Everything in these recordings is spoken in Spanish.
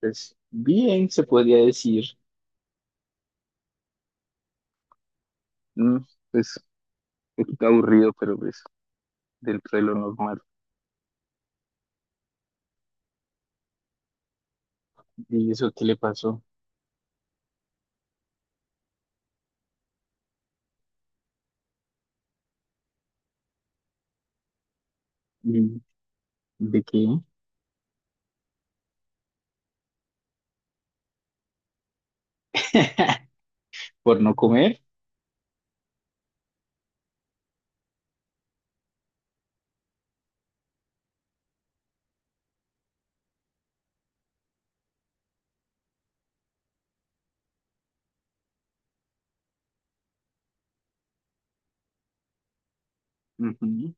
Pues bien, se podría decir, ¿no? Pues aburrido, pero pues dentro de lo normal. ¿Y eso qué le pasó? ¿Y ¿De qué? ¿Por no comer? Ujú.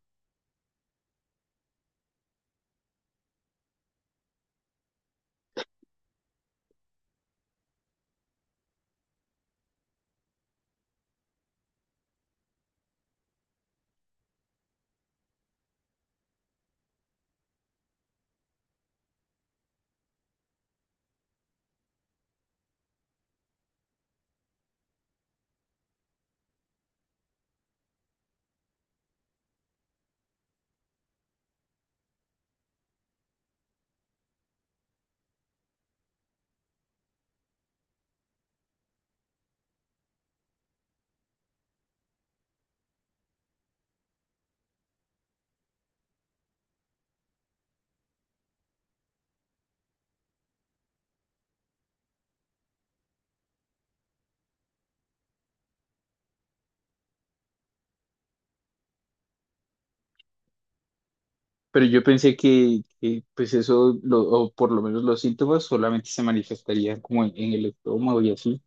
Pero yo pensé que, pues eso, o por lo menos los síntomas solamente se manifestarían como en el estómago y así.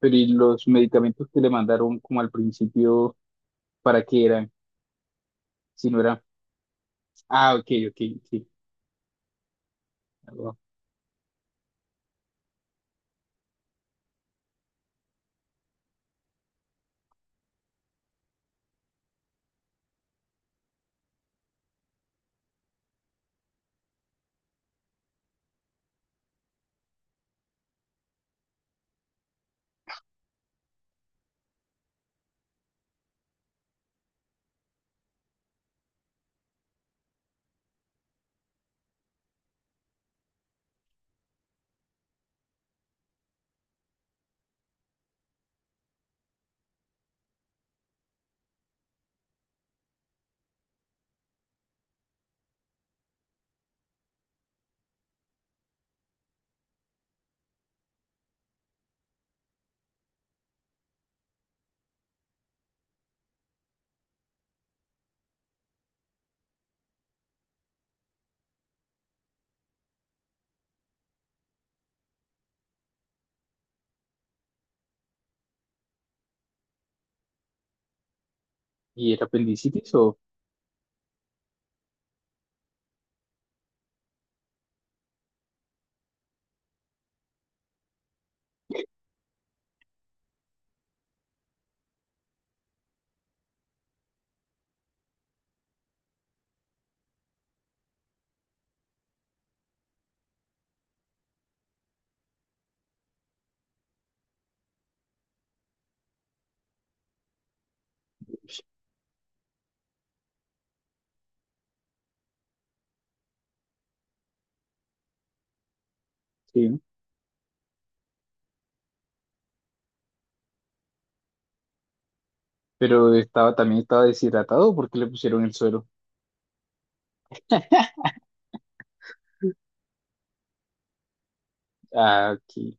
Pero ¿y los medicamentos que le mandaron como al principio, para qué eran? Si no era, ah, ok, ok, sí. Ah, ¿Y era apendicitis o? Sí. Pero estaba, también estaba deshidratado porque le pusieron el suero. Ah, aquí.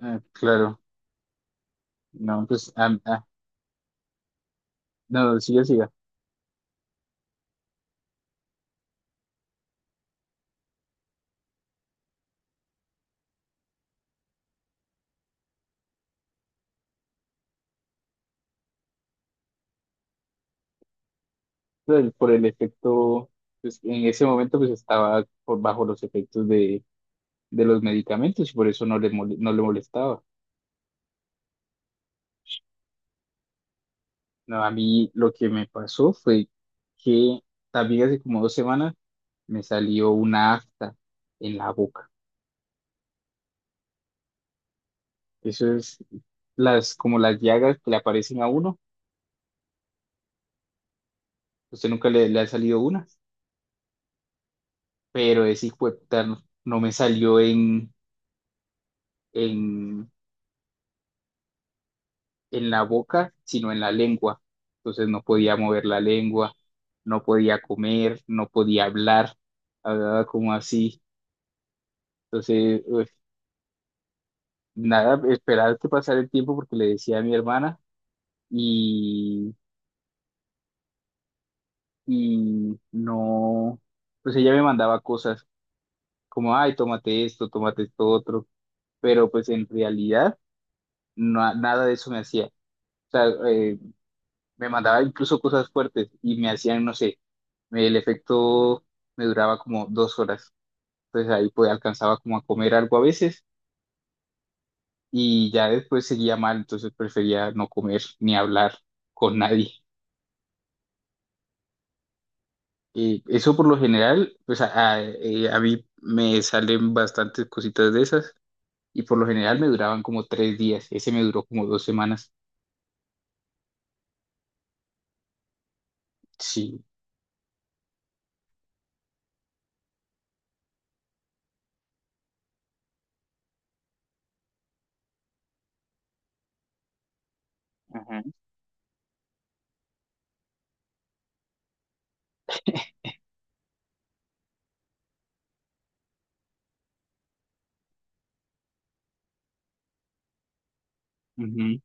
Ah, claro. No, pues, ah, ah, no, siga, siga. Por por el efecto, pues en ese momento pues estaba por bajo los efectos de los medicamentos y por eso no le, no le molestaba. No, a mí lo que me pasó fue que también hace como dos semanas me salió una afta en la boca. Eso es como las llagas que le aparecen a uno. ¿Usted nunca le ha salido una? Pero ese hijo de puta no me salió en, en la boca, sino en la lengua. Entonces no podía mover la lengua, no podía comer, no podía hablar, hablaba como así. Entonces, uf, nada, esperaba que pasara el tiempo porque le decía a mi hermana y, y no, pues ella me mandaba cosas como, ay, tómate esto otro, pero pues en realidad nada de eso me hacía. O sea, me mandaba incluso cosas fuertes y me hacían, no sé, el efecto me duraba como dos horas. Entonces ahí pues alcanzaba como a comer algo a veces y ya después seguía mal, entonces prefería no comer ni hablar con nadie. Eso por lo general, pues a mí me salen bastantes cositas de esas y por lo general me duraban como tres días. Ese me duró como dos semanas. Sí. Ujú. Ujú.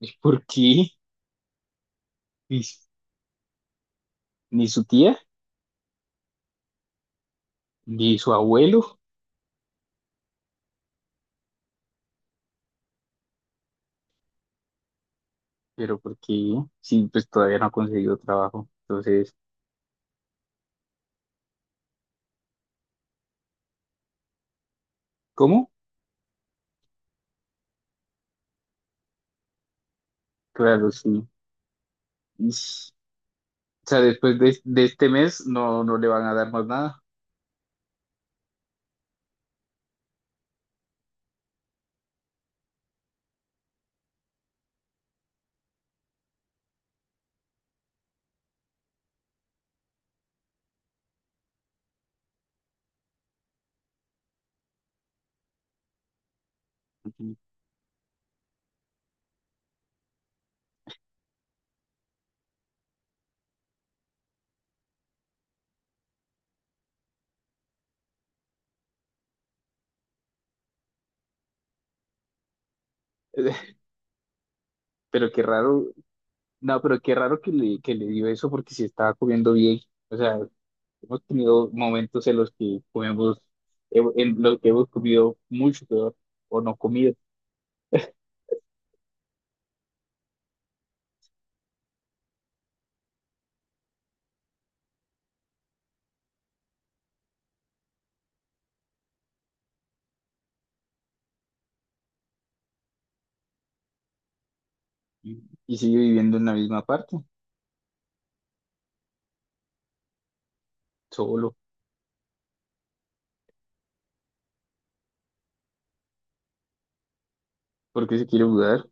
¿Y por qué? Ni ni su tía, ni su abuelo. Pero porque sí, pues todavía no ha conseguido trabajo. Entonces, ¿cómo? Claro, sí. Ish. O sea, después de este mes no, no le van a dar más nada. Ujú. Pero qué raro, no, pero qué raro que que le dio eso porque se estaba comiendo bien. O sea, hemos tenido momentos en los que comemos, en los que hemos comido mucho peor o no comido. Y y sigue viviendo en la misma parte, solo, porque se quiere mudar.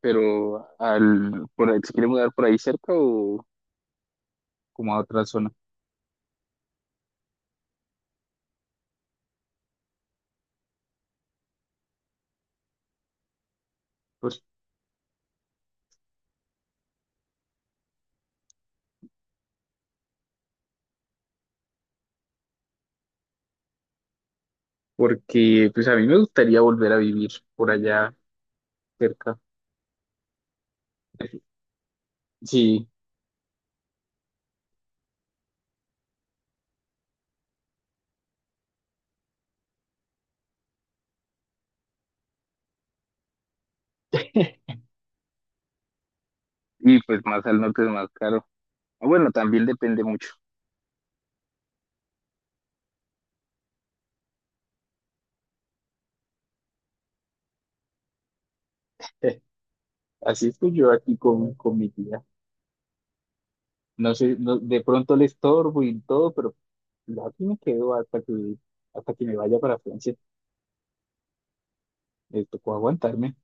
Pero al, por ahí, ¿se quiere mudar por ahí cerca o como a otra zona? Pues porque pues a mí me gustaría volver a vivir por allá cerca. Sí, y pues más al norte es más caro. Ah, bueno, también depende mucho. Así estoy yo aquí con mi tía. No sé, no- de pronto le estorbo y todo, pero yo aquí me quedo hasta que me vaya para Francia. Me tocó aguantarme.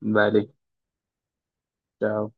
Vale, chao.